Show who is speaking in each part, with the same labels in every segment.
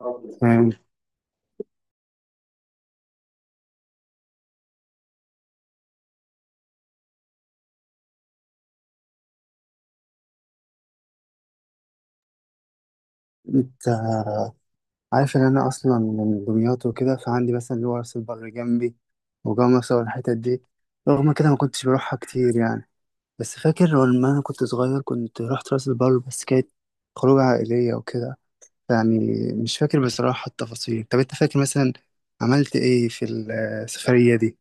Speaker 1: آه، انت عارف ان انا اصلا من دمياط وكده، فعندي مثلا اللي هو راس البر جنبي وجمصة والحتت دي. رغم كده ما كنتش بروحها كتير يعني. بس فاكر لما انا كنت صغير كنت رحت راس البر، بس كانت خروجة عائلية وكده. يعني مش فاكر بصراحة التفاصيل. طب انت فاكر مثلا عملت ايه في السفرية دي؟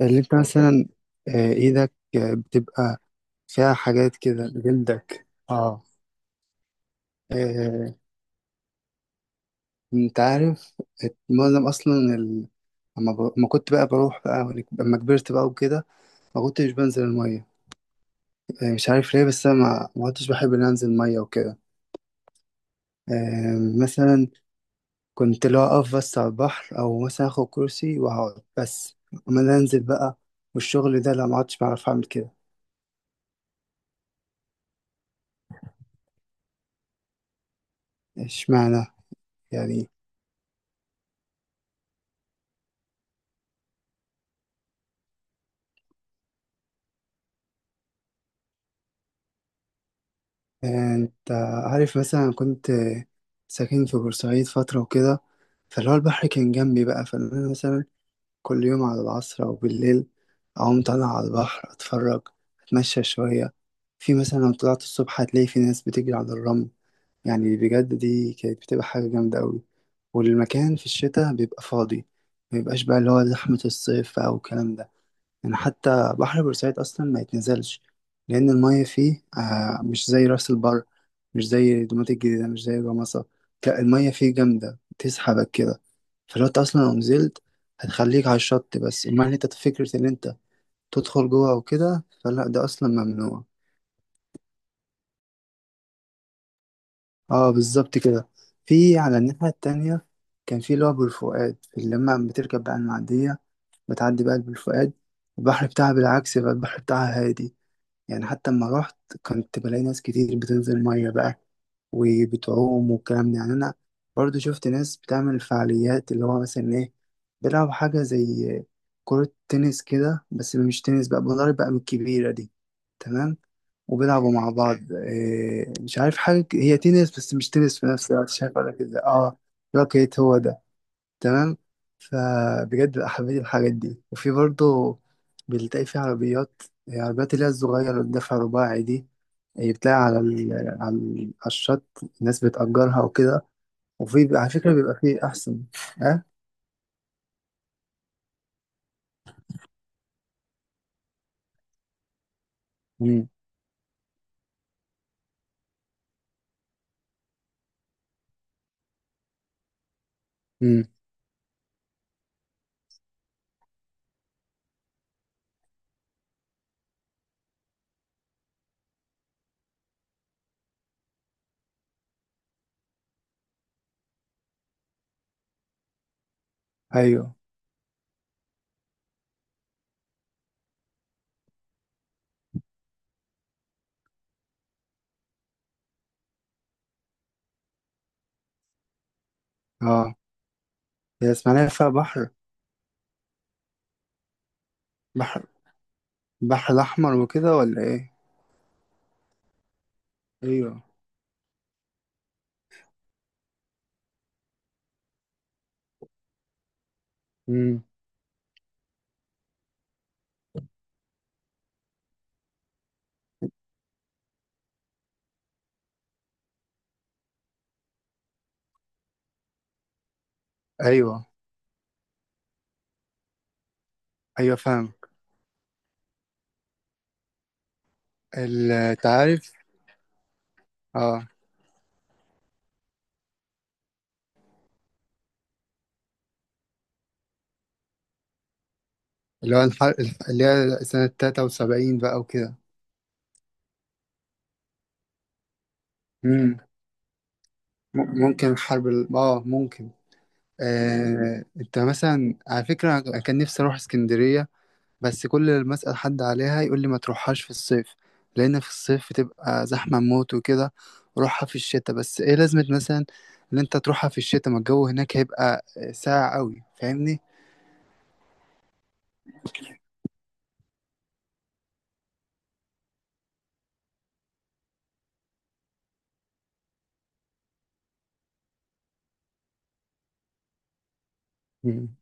Speaker 1: اللي انت مثلا ايدك بتبقى فيها حاجات كده، جلدك. اه انت عارف معظم اصلا اما ما كنت بقى بروح بقى اما كبرت بقى وكده ما كنتش بنزل الميه. مش عارف ليه، بس انا ما كنتش بحب ان انزل الميه وكده. مثلا كنت لو اقف بس على البحر او مثلا اخد كرسي واقعد بس، اما أنا انزل بقى والشغل ده، لا ما عدتش بعرف اعمل كده. اشمعنى يعني؟ انت عارف مثلا كنت ساكن في بورسعيد فتره وكده، فاللي هو البحر كان جنبي بقى. فانا مثلا كل يوم على العصر أو بالليل أقوم طالع على البحر أتفرج، أتمشى شوية. في مثلا لو طلعت الصبح هتلاقي في ناس بتجري على الرمل، يعني بجد دي كانت بتبقى حاجة جامدة أوي. والمكان في الشتاء بيبقى فاضي، مبيبقاش بقى اللي هو زحمة الصيف أو الكلام ده. يعني حتى بحر بورسعيد أصلا ما يتنزلش، لأن المية فيه آه مش زي راس البر، مش زي دومات الجديدة، مش زي جمصة. لا المية فيه جامدة تسحبك كده. فلو أنت أصلا لو نزلت هتخليك على الشط بس، أما إن أنت فكرة إن أنت تدخل جوه وكده، فلا ده أصلا ممنوع. اه بالظبط كده. في على الناحية التانية كان في اللي هو بالفؤاد، اللي لما بتركب بقى المعدية بتعدي بقى بالفؤاد، البحر بتاعها بالعكس بقى، البحر بتاعها هادي. يعني حتى لما رحت كنت بلاقي ناس كتير بتنزل مية بقى وبتعوم والكلام ده. يعني أنا برضو شفت ناس بتعمل فعاليات اللي هو مثلا إيه، بيلعبوا حاجة زي كرة تنس كده بس مش تنس، بقى بضرب بقى من الكبيرة دي. تمام. وبيلعبوا مع بعض، إيه مش عارف حاجة هي تنس بس مش تنس في نفس الوقت، شايف ولا كده؟ اه. راكيت هو ده. تمام. فبجد بقى حبيت الحاجات دي. وفي برضه بتلاقي في عربيات، يعني عربيات اللي هي الصغيرة اللي بدفع رباعي دي، هي بتلاقي على على على الشط الناس بتأجرها وكده. وفي على فكرة بيبقى فيه أحسن. أه؟ مم. مم. أيوه. أه. هي إسماعيلية فيها بحر؟ بحر. بحر الأحمر وكده ولا إيه؟ أيوه. مم. أيوه. أيوه فاهم. تعرف. أه. اللي هو اللي هي سنة 73 بقى وكده. ممكن حرب اه، ممكن. انت مثلا على فكرة أنا كان نفسي اروح اسكندرية، بس كل اللي بسأل حد عليها يقول لي ما تروحهاش في الصيف، لان في الصيف بتبقى زحمة موت وكده. روحها في الشتاء. بس ايه لازمة مثلا ان انت تروحها في الشتاء؟ ما الجو هناك هيبقى ساقع قوي، فاهمني؟ مم.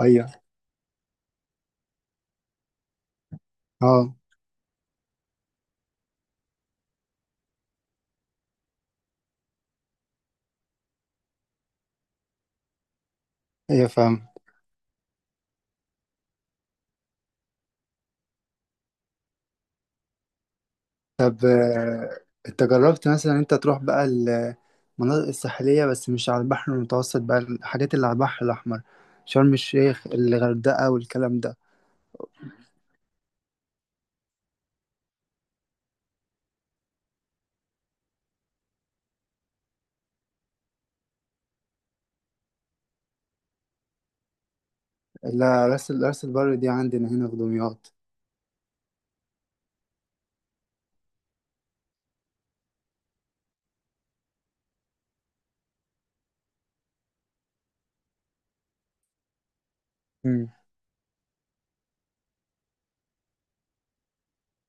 Speaker 1: ايوه. اه. ايوه فاهم. طب انت جربت مثلا انت تروح بقى المناطق الساحلية بس مش على البحر المتوسط بقى، الحاجات اللي على البحر الأحمر؟ شرم الشيخ، الغردقة والكلام ده. لا راس راس البر دي عندنا هنا في دمياط. مم.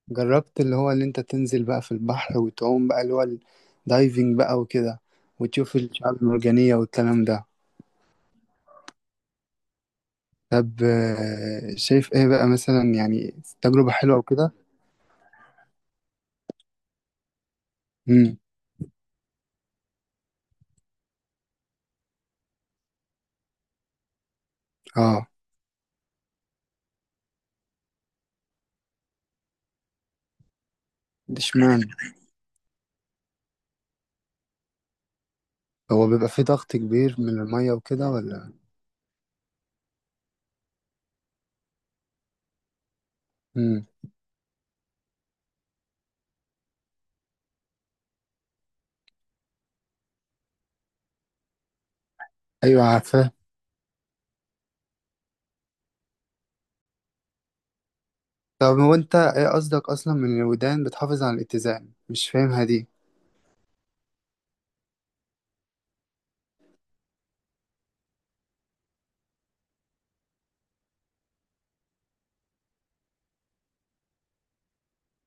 Speaker 1: جربت اللي هو اللي انت تنزل بقى في البحر وتعوم بقى، اللي هو الدايفنج بقى وكده، وتشوف الشعاب المرجانية والكلام ده؟ طب شايف ايه بقى مثلا يعني؟ تجربة حلوة وكده؟ امم. اه. ده اشمعنى؟ هو بيبقى فيه ضغط كبير من المية وكده ولا؟ امم. ايوه عارفاه. طب هو انت ايه قصدك اصلا من الودان بتحافظ على الاتزان؟ مش فاهمها دي.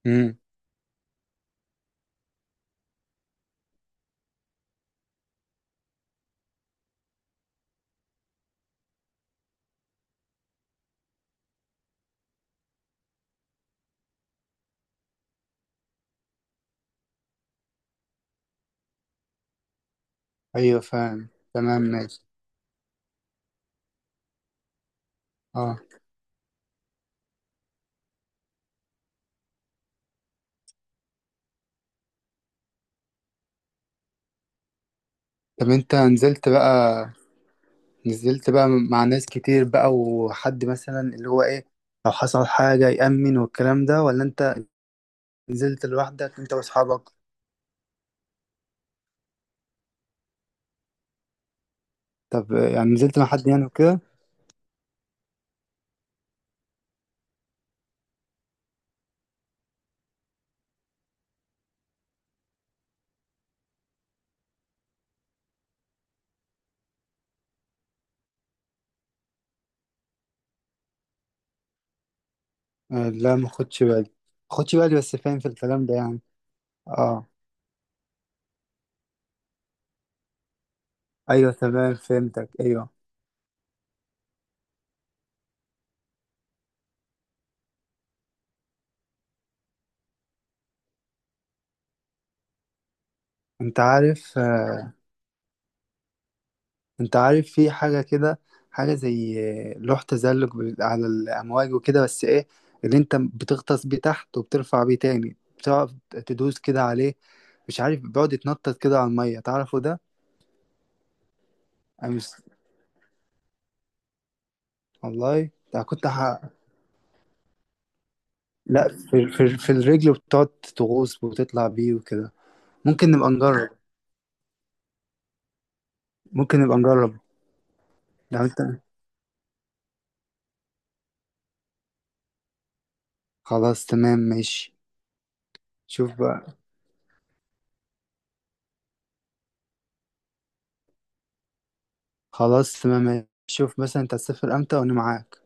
Speaker 1: امم. ايوه فاهم. تمام ماشي. اه. طب انت نزلت بقى، نزلت بقى مع ناس كتير بقى، وحد مثلا اللي هو ايه لو حصل حاجة يأمن والكلام ده، ولا انت نزلت لوحدك انت واصحابك؟ طب يعني نزلت مع حد يعني وكده؟ لا ما خدش بالي. ما خدش بالي بس فاهم في الكلام ده يعني. اه ايوه تمام فهمتك ايوه. انت عارف انت عارف في حاجة كده، حاجة زي لوح تزلج على الأمواج وكده، بس ايه، اللي انت بتغطس بيه تحت وبترفع بيه تاني، بتقعد تدوس كده عليه، مش عارف بيقعد يتنطط كده على المية، تعرفه ده؟ أنا مش... والله ده كنت لا في الرجل بتقعد تغوص وتطلع بيه وكده. ممكن نبقى نجرب. ممكن نبقى نجرب. لو انت... خلاص تمام ماشي. شوف بقى. خلاص تمام ماشي. شوف مثلا انت هتسافر امتى وانا معاك.